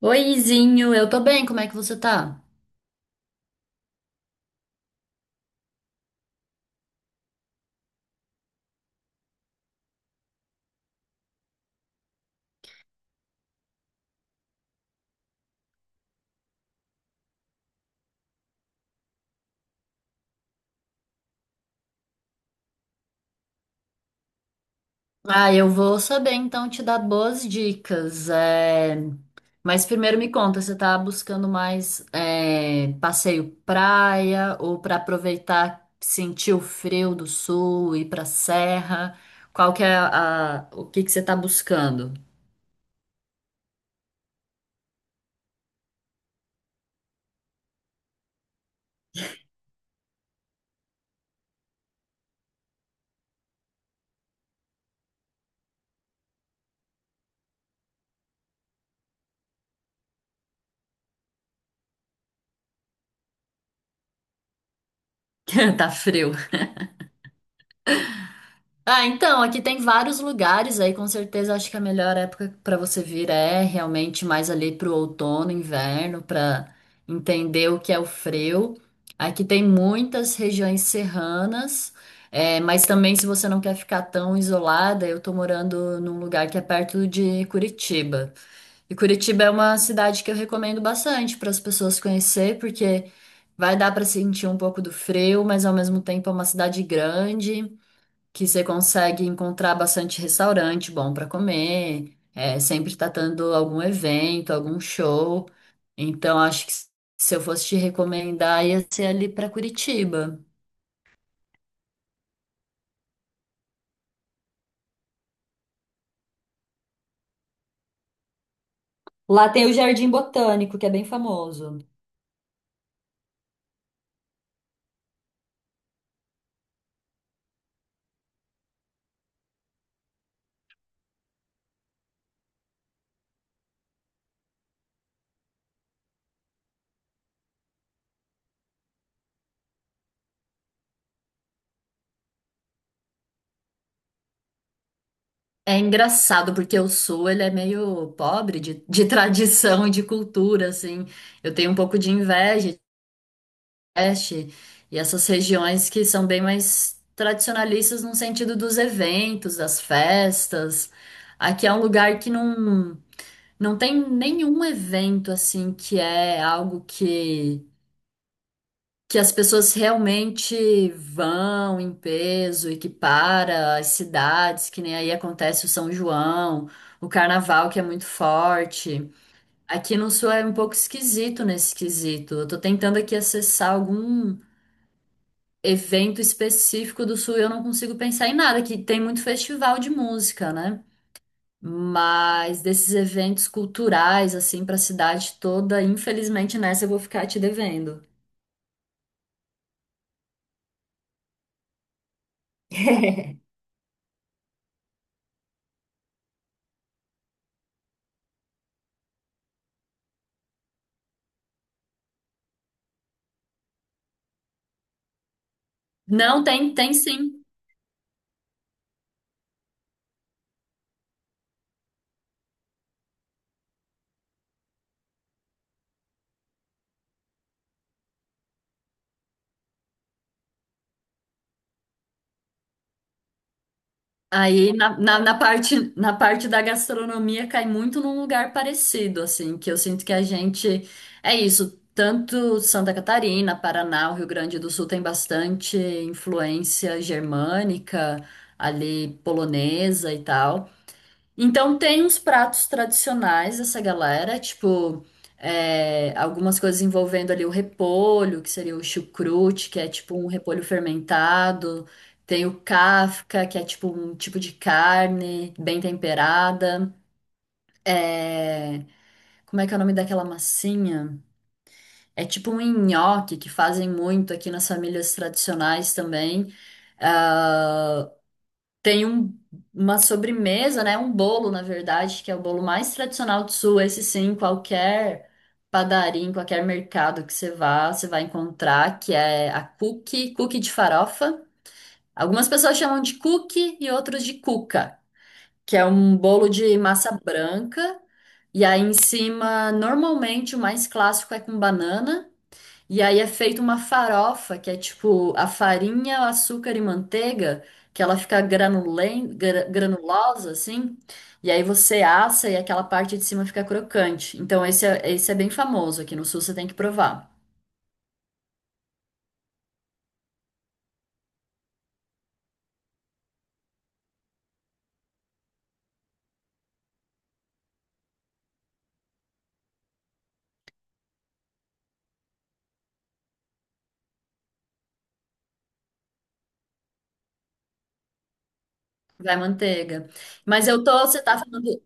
Oizinho, eu tô bem, como é que você tá? Ah, eu vou saber então te dar boas dicas. Mas primeiro me conta, você tá buscando mais passeio praia ou pra aproveitar, sentir o frio do sul, ir pra serra? Qual que é o que que você tá buscando? Tá frio. Ah, então, aqui tem vários lugares aí, com certeza acho que a melhor época para você vir é realmente mais ali pro outono, inverno, para entender o que é o frio. Aqui tem muitas regiões serranas, mas também se você não quer ficar tão isolada, eu tô morando num lugar que é perto de Curitiba. E Curitiba é uma cidade que eu recomendo bastante para as pessoas conhecer, porque vai dar para sentir um pouco do frio, mas ao mesmo tempo é uma cidade grande que você consegue encontrar bastante restaurante bom para comer, sempre tá tendo algum evento, algum show. Então, acho que se eu fosse te recomendar, ia ser ali para Curitiba. Lá tem o Jardim Botânico, que é bem famoso. É engraçado porque o Sul ele é meio pobre de tradição e de cultura, assim. Eu tenho um pouco de inveja Nordeste e essas regiões que são bem mais tradicionalistas no sentido dos eventos, das festas. Aqui é um lugar que não tem nenhum evento assim que é algo que as pessoas realmente vão em peso e que para as cidades, que nem aí acontece o São João, o Carnaval que é muito forte. Aqui no Sul é um pouco esquisito nesse quesito. Eu tô tentando aqui acessar algum evento específico do Sul, eu não consigo pensar em nada, que tem muito festival de música, né? Mas desses eventos culturais, assim, para a cidade toda, infelizmente nessa eu vou ficar te devendo. Não, tem, tem sim. Aí na parte da gastronomia cai muito num lugar parecido, assim, que eu sinto que a gente. É isso, tanto Santa Catarina, Paraná, o Rio Grande do Sul tem bastante influência germânica, ali polonesa e tal. Então tem uns pratos tradicionais dessa galera, tipo algumas coisas envolvendo ali o repolho, que seria o chucrute, que é tipo um repolho fermentado. Tem o kafka, que é tipo um tipo de carne bem temperada. É, como é que é o nome daquela massinha? É tipo um nhoque que fazem muito aqui nas famílias tradicionais também. Ah, tem um- uma sobremesa, né? Um bolo, na verdade, que é o bolo mais tradicional do Sul. Esse sim, qualquer padaria, em qualquer mercado que você vá, você vai encontrar, que é a cookie de farofa. Algumas pessoas chamam de cookie e outros de cuca, que é um bolo de massa branca. E aí em cima, normalmente o mais clássico é com banana. E aí é feita uma farofa, que é tipo a farinha, o açúcar e manteiga, que ela fica granulosa, assim. E aí você assa e aquela parte de cima fica crocante. Então esse é bem famoso aqui no Sul, você tem que provar. Vai manteiga. Mas eu tô,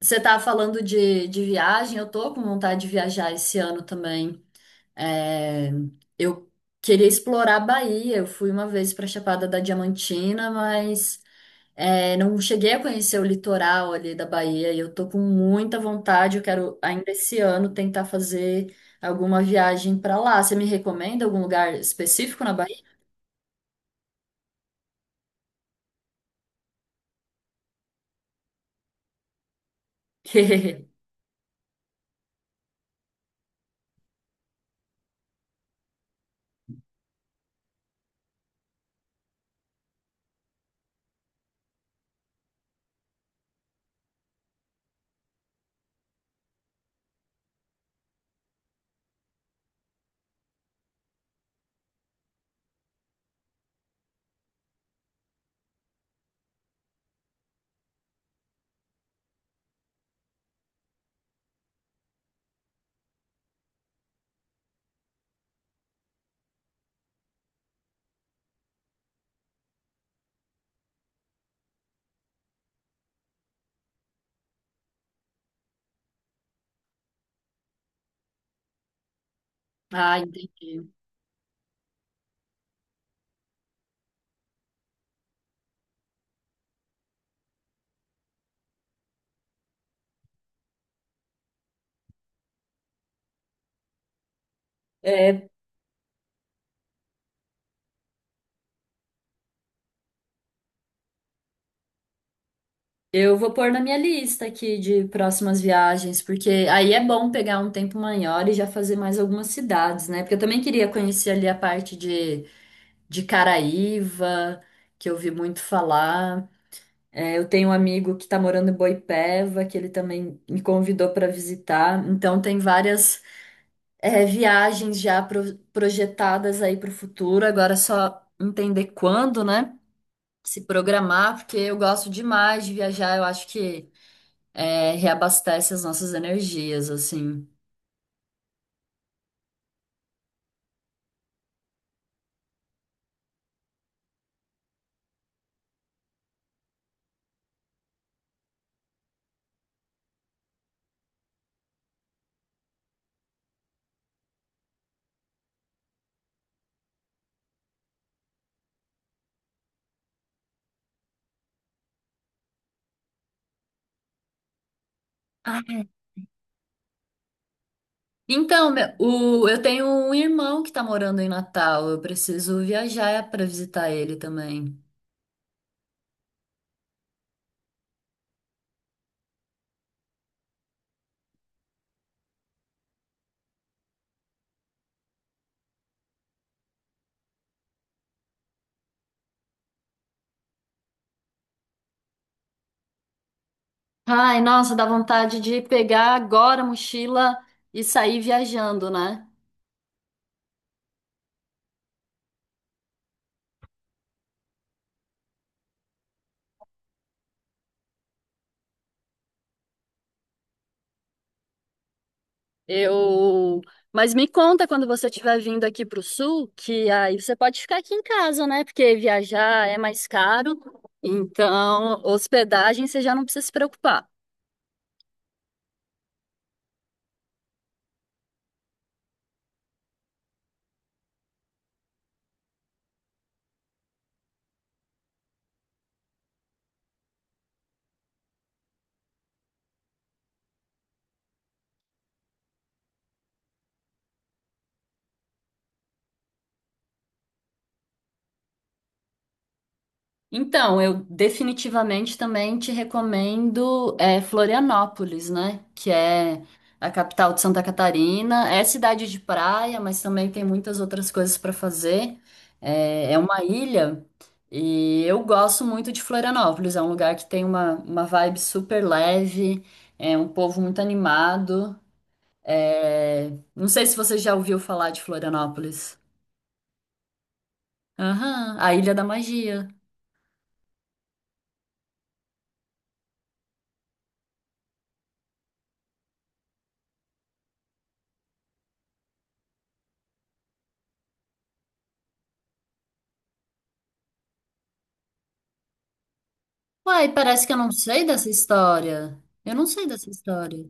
você tá falando de viagem, eu tô com vontade de viajar esse ano também. É, eu queria explorar a Bahia, eu fui uma vez pra Chapada da Diamantina, mas. É, não cheguei a conhecer o litoral ali da Bahia e eu tô com muita vontade. Eu quero ainda esse ano tentar fazer alguma viagem para lá. Você me recomenda algum lugar específico na Bahia? Ah, entendi. É, eu vou pôr na minha lista aqui de próximas viagens, porque aí é bom pegar um tempo maior e já fazer mais algumas cidades, né? Porque eu também queria conhecer ali a parte de Caraíva, que eu ouvi muito falar. É, eu tenho um amigo que está morando em Boipeva, que ele também me convidou para visitar. Então, tem várias, viagens já projetadas aí para o futuro. Agora é só entender quando, né? Se programar, porque eu gosto demais de viajar. Eu acho que, reabastece as nossas energias, assim. Ah, é. Então, eu tenho um irmão que está morando em Natal. Eu preciso viajar para visitar ele também. Ai, nossa, dá vontade de pegar agora a mochila e sair viajando, né? Eu. Mas me conta quando você estiver vindo aqui para o sul, que aí você pode ficar aqui em casa, né? Porque viajar é mais caro, então hospedagem você já não precisa se preocupar. Então, eu definitivamente também te recomendo Florianópolis, né? Que é a capital de Santa Catarina. É cidade de praia, mas também tem muitas outras coisas para fazer. É, é uma ilha e eu gosto muito de Florianópolis. É um lugar que tem uma vibe super leve, é um povo muito animado. É, não sei se você já ouviu falar de Florianópolis. Aham, a Ilha da Magia. Uai, parece que eu não sei dessa história. Eu não sei dessa história.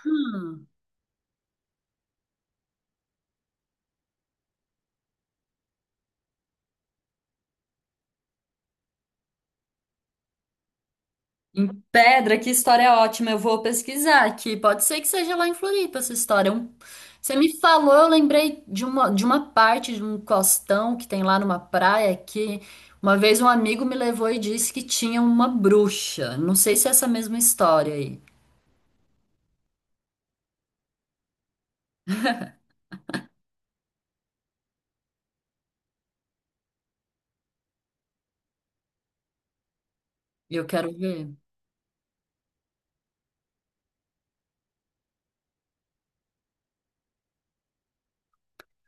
Hum. Em pedra, que história ótima. Eu vou pesquisar aqui. Pode ser que seja lá em Floripa essa história. Um- Você me falou, eu lembrei de de uma parte de um costão que tem lá numa praia que uma vez um amigo me levou e disse que tinha uma bruxa. Não sei se é essa mesma história aí. Eu quero ver.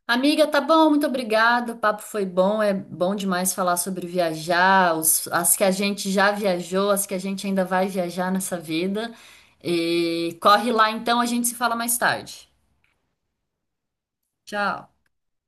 Amiga, tá bom, muito obrigada. O papo foi bom, é bom demais falar sobre viajar, as que a gente já viajou, as que a gente ainda vai viajar nessa vida. E corre lá então, a gente se fala mais tarde. Tchau.